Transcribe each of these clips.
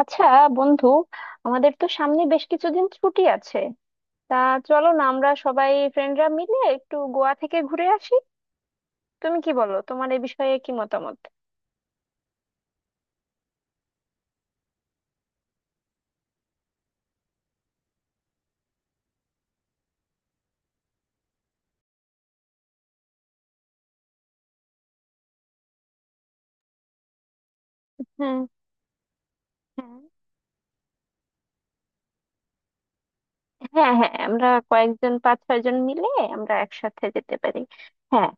আচ্ছা, বন্ধু, আমাদের তো সামনে বেশ কিছুদিন ছুটি আছে, তা চলো না আমরা সবাই ফ্রেন্ডরা মিলে একটু গোয়া থেকে ঘুরে আসি। তুমি কি বলো, তোমার এই বিষয়ে কি মতামত? হ্যাঁ, হ্যাঁ, হ্যাঁ, হ্যাঁ। আমরা কয়েকজন, 5-6 জন মিলে আমরা একসাথে যেতে পারি। হ্যাঁ।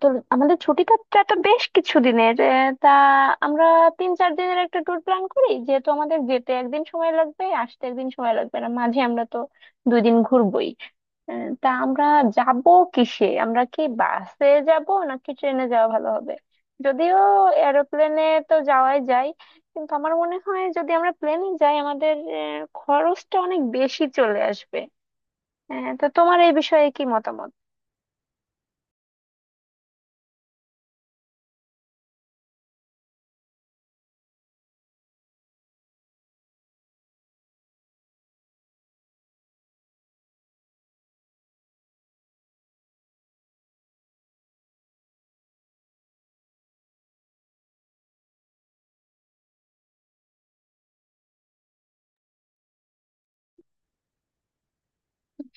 তো আমাদের ছুটিটা তো বেশ কিছু দিনের। তা আমরা 3-4 দিনের একটা ট্যুর প্ল্যান করি, যেহেতু আমাদের যেতে একদিন সময় লাগবে, আসতে একদিন সময় লাগবে, না মাঝে আমরা তো 2 দিন ঘুরবোই। তা আমরা যাব কিসে? আমরা কি বাসে যাব নাকি ট্রেনে যাওয়া ভালো হবে? যদিও এরোপ্লেনে তো যাওয়াই যায়, কিন্তু আমার মনে হয় যদি আমরা প্লেনে যাই আমাদের খরচটা অনেক বেশি চলে আসবে। তো তোমার এই বিষয়ে কি মতামত?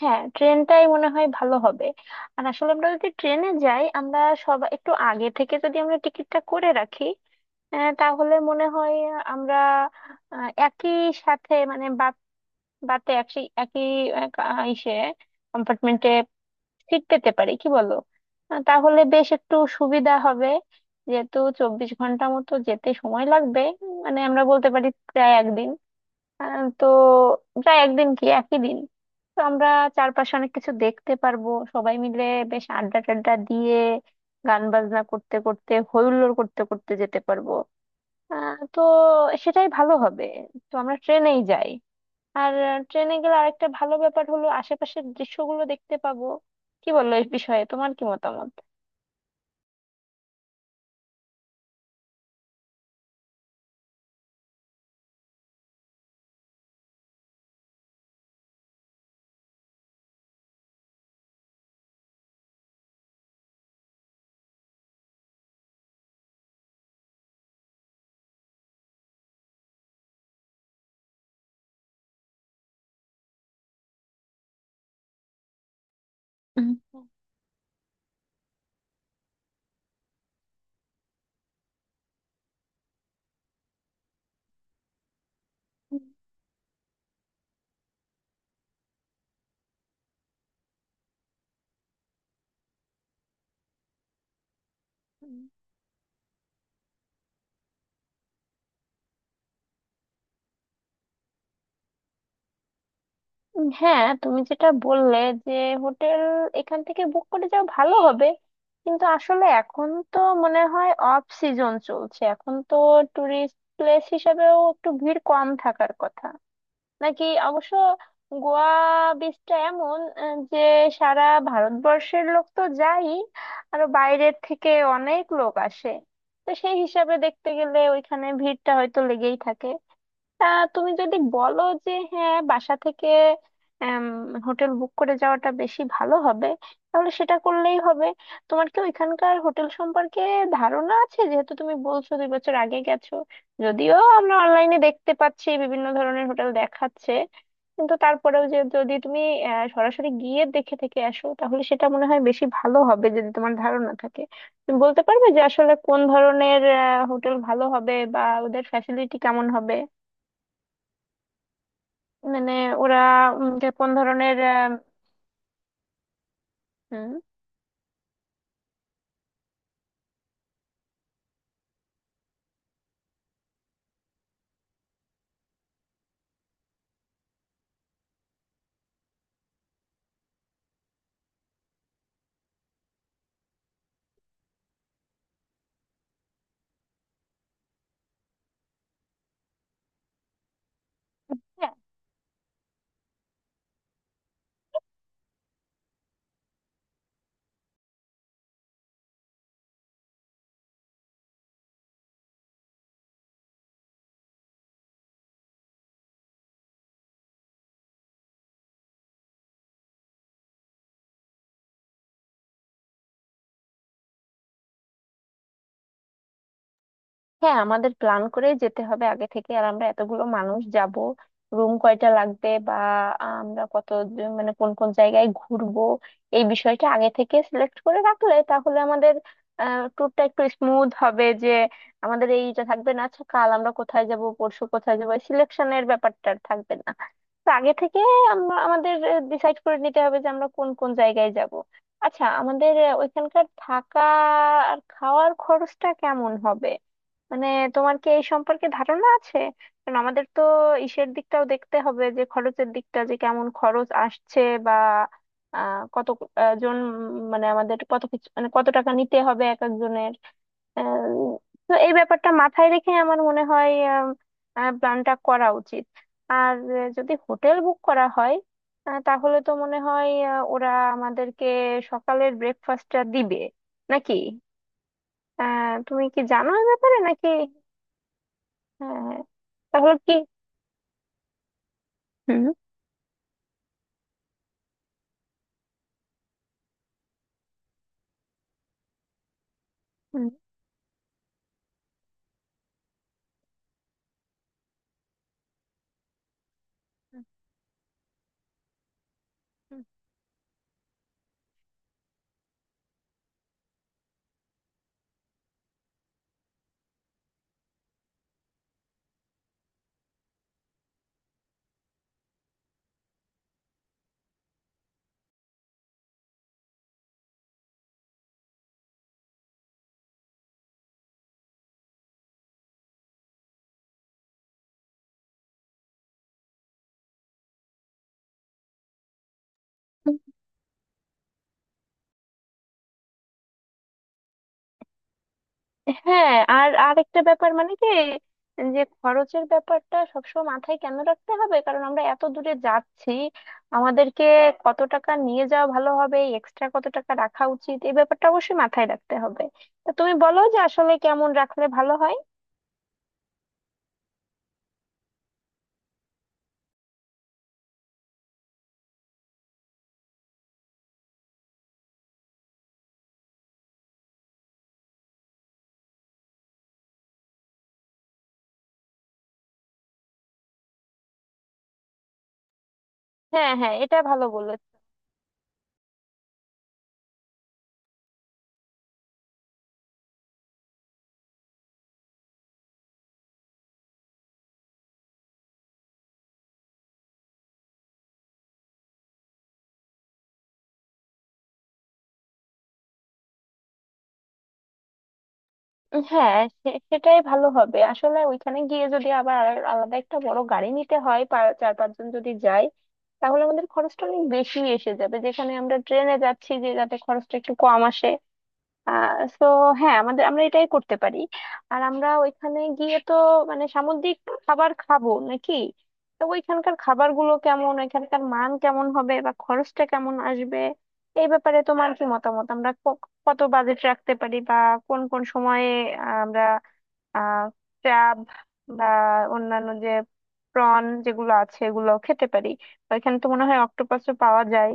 হ্যাঁ, ট্রেনটাই মনে হয় ভালো হবে। আর আসলে আমরা যদি ট্রেনে যাই, আমরা সব একটু আগে থেকে যদি আমরা টিকিটটা করে রাখি, তাহলে মনে হয় আমরা একই সাথে মানে বাতে একই একই আহ, কা- ইসে কম্পার্টমেন্টে সিট পেতে পারি, কি বলো? তাহলে বেশ একটু সুবিধা হবে, যেহেতু 24 ঘন্টা মতো যেতে সময় লাগবে। মানে আমরা বলতে পারি প্রায় একদিন। তো প্রায় একদিন কি একই দিন। তো আমরা চারপাশে অনেক কিছু দেখতে পারবো সবাই মিলে, বেশ আড্ডা টাড্ডা দিয়ে, গান বাজনা করতে করতে, হই হুল্লোড় করতে করতে যেতে পারবো। তো সেটাই ভালো হবে। তো আমরা ট্রেনেই যাই। আর ট্রেনে গেলে আরেকটা ভালো ব্যাপার হলো আশেপাশের দৃশ্যগুলো দেখতে পাবো। কি বললো, এই বিষয়ে তোমার কি মতামত? উম, হ্যাঁ, তুমি যেটা বললে, যে হোটেল এখান থেকে বুক করে যাও ভালো হবে। কিন্তু আসলে এখন তো মনে হয় অফ সিজন চলছে, এখন তো টুরিস্ট প্লেস হিসেবেও একটু ভিড় কম থাকার কথা। নাকি অবশ্য গোয়া বিচটা এমন যে সারা ভারতবর্ষের লোক তো যাই, আরো বাইরের থেকে অনেক লোক আসে। তো সেই হিসাবে দেখতে গেলে ওইখানে ভিড়টা হয়তো লেগেই থাকে। তা তুমি যদি বলো যে হ্যাঁ, বাসা থেকে হোটেল বুক করে যাওয়াটা বেশি ভালো হবে, তাহলে সেটা করলেই হবে। তোমার কি ওইখানকার হোটেল সম্পর্কে ধারণা আছে? যেহেতু তুমি বলছো 2 বছর আগে গেছো। যদিও আমরা অনলাইনে দেখতে পাচ্ছি বিভিন্ন ধরনের হোটেল দেখাচ্ছে, কিন্তু তারপরেও যে যদি তুমি সরাসরি গিয়ে দেখে থেকে আসো, তাহলে সেটা মনে হয় বেশি ভালো হবে। যদি তোমার ধারণা থাকে, তুমি বলতে পারবে যে আসলে কোন ধরনের হোটেল ভালো হবে বা ওদের ফ্যাসিলিটি কেমন হবে, মানে ওরা যে কোন ধরনের হুম। হ্যাঁ, আমাদের প্ল্যান করে যেতে হবে আগে থেকে। আর আমরা এতগুলো মানুষ যাব, রুম কয়টা লাগবে বা আমরা কত মানে কোন কোন জায়গায় ঘুরবো, এই বিষয়টা আগে থেকে সিলেক্ট করে রাখলে তাহলে আমাদের ট্যুরটা একটু স্মুথ হবে। যে আমাদের এইটা থাকবে না, আচ্ছা কাল আমরা কোথায় যাব, পরশু কোথায় যাবো, সিলেকশনের ব্যাপারটা আর থাকবে না। তো আগে থেকে আমরা আমাদের ডিসাইড করে নিতে হবে যে আমরা কোন কোন জায়গায় যাব। আচ্ছা, আমাদের ওইখানকার থাকা আর খাওয়ার খরচটা কেমন হবে, মানে তোমার কি এই সম্পর্কে ধারণা আছে? কারণ আমাদের তো ইসের দিকটাও দেখতে হবে যে খরচের দিকটা, যে কেমন খরচ আসছে বা কত জন মানে আমাদের কত কিছু, মানে কত টাকা নিতে হবে এক একজনের। আহ, তো এই ব্যাপারটা মাথায় রেখে আমার মনে হয় প্ল্যানটা করা উচিত। আর যদি হোটেল বুক করা হয়, তাহলে তো মনে হয় ওরা আমাদেরকে সকালের ব্রেকফাস্টটা দিবে নাকি? তুমি কি জানো এই ব্যাপারে নাকি? হ্যাঁ, হ্যাঁ। তাহলে কি? হুম। হুম, হুম, হুম। হ্যাঁ, আর আরেকটা ব্যাপার, মানে কি যে খরচের ব্যাপারটা সবসময় মাথায় কেন রাখতে হবে, কারণ আমরা এত দূরে যাচ্ছি। আমাদেরকে কত টাকা নিয়ে যাওয়া ভালো হবে, এক্সট্রা কত টাকা রাখা উচিত, এই ব্যাপারটা অবশ্যই মাথায় রাখতে হবে। তা তুমি বলো যে আসলে কেমন রাখলে ভালো হয়? হ্যাঁ, হ্যাঁ, এটা ভালো বলেছো। হ্যাঁ, সেটাই ভালো হবে। আসলে ওইখানে গিয়ে যদি আবার আলাদা একটা বড় গাড়ি নিতে হয়, 4-5 জন যদি যায় তাহলে আমাদের খরচটা অনেক বেশি এসে যাবে, যেখানে আমরা ট্রেনে যাচ্ছি যে যাতে খরচটা একটু কম আসে। সো হ্যাঁ, আমাদের আমরা এটাই করতে পারি। আর আমরা ওইখানে গিয়ে তো মানে সামুদ্রিক খাবার খাবো নাকি? তো ওইখানকার খাবারগুলো কেমন, ওইখানকার মান কেমন হবে বা খরচটা কেমন আসবে? এই ব্যাপারে তোমার কি মতামত, আমরা কত বাজেট রাখতে পারি বা কোন কোন সময়ে আমরা আহ ক্র্যাব বা অন্যান্য যে প্রন যেগুলো আছে এগুলো খেতে পারি? ওইখানে তো মনে হয় অক্টোপাসও পাওয়া যায়।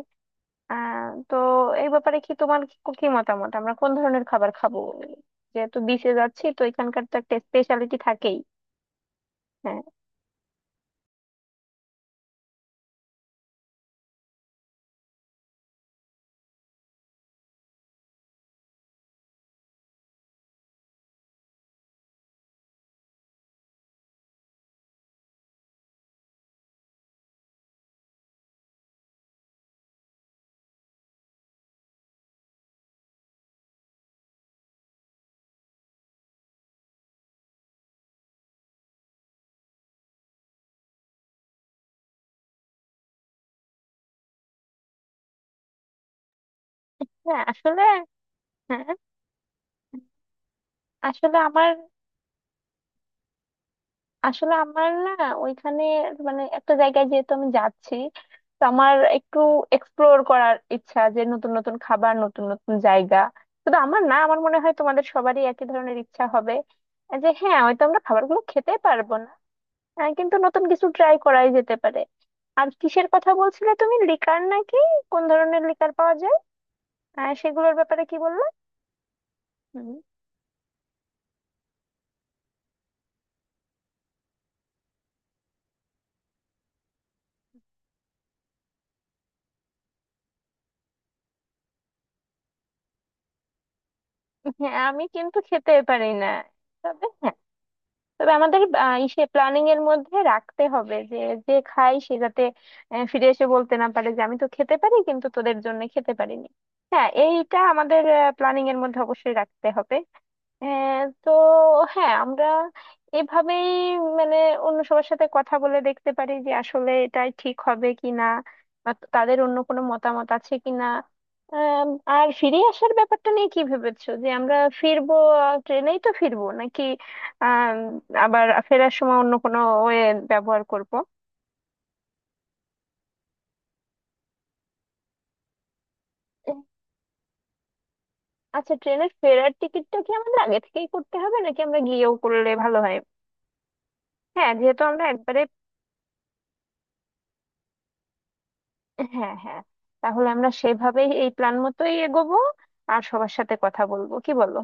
তো এই ব্যাপারে কি তোমার কি কি মতামত, আমরা কোন ধরনের খাবার খাবো? যেহেতু বিচে যাচ্ছি তো এখানকার তো একটা স্পেশালিটি থাকেই। হ্যাঁ, হ্যাঁ, আসলে। হ্যাঁ, আসলে আমার। আসলে আমার না ওইখানে, মানে একটা জায়গায় যেহেতু আমি যাচ্ছি, তো আমার একটু এক্সপ্লোর করার ইচ্ছা, যে নতুন নতুন খাবার, নতুন নতুন জায়গা। শুধু আমার না, আমার মনে হয় তোমাদের সবারই একই ধরনের ইচ্ছা হবে, যে হ্যাঁ, হয়তো আমরা খাবারগুলো খেতে পারবো না। কিন্তু নতুন কিছু ট্রাই করাই যেতে পারে। আর কিসের কথা বলছিলে তুমি, লিকার নাকি? কোন ধরনের লিকার পাওয়া যায়, সেগুলোর ব্যাপারে কি বললে? হুম। হ্যাঁ, আমি কিন্তু খেতে পারি না। তবে হ্যাঁ, তবে আমাদের ইসে প্ল্যানিং এর মধ্যে রাখতে হবে যে, যে খাই সে যাতে ফিরে এসে বলতে না পারে যে আমি তো খেতে পারি কিন্তু তোদের জন্য খেতে পারিনি। হ্যাঁ, এইটা আমাদের প্ল্যানিং এর মধ্যে অবশ্যই রাখতে হবে। হ্যাঁ। তো হ্যাঁ, আমরা এভাবেই মানে অন্য সবার সাথে কথা বলে দেখতে পারি যে আসলে এটাই ঠিক হবে কি না, বা তাদের অন্য কোনো মতামত আছে কি না। আম, আর ফিরে আসার ব্যাপারটা নিয়ে কি ভেবেছো, যে আমরা ফিরবো, ট্রেনেই তো ফিরবো নাকি আম, আবার ফেরার সময় অন্য কোনো ওয়ে ব্যবহার করব? আচ্ছা, ট্রেনের ফেরার টিকিটটা কি আমাদের আগে থেকেই করতে হবে নাকি আমরা গিয়েও করলে ভালো হয়? হ্যাঁ, যেহেতু আমরা একবারে। হ্যাঁ, হ্যাঁ, তাহলে আমরা সেভাবেই এই প্ল্যান মতোই এগোবো। আর সবার সাথে কথা বলবো, কি বলো?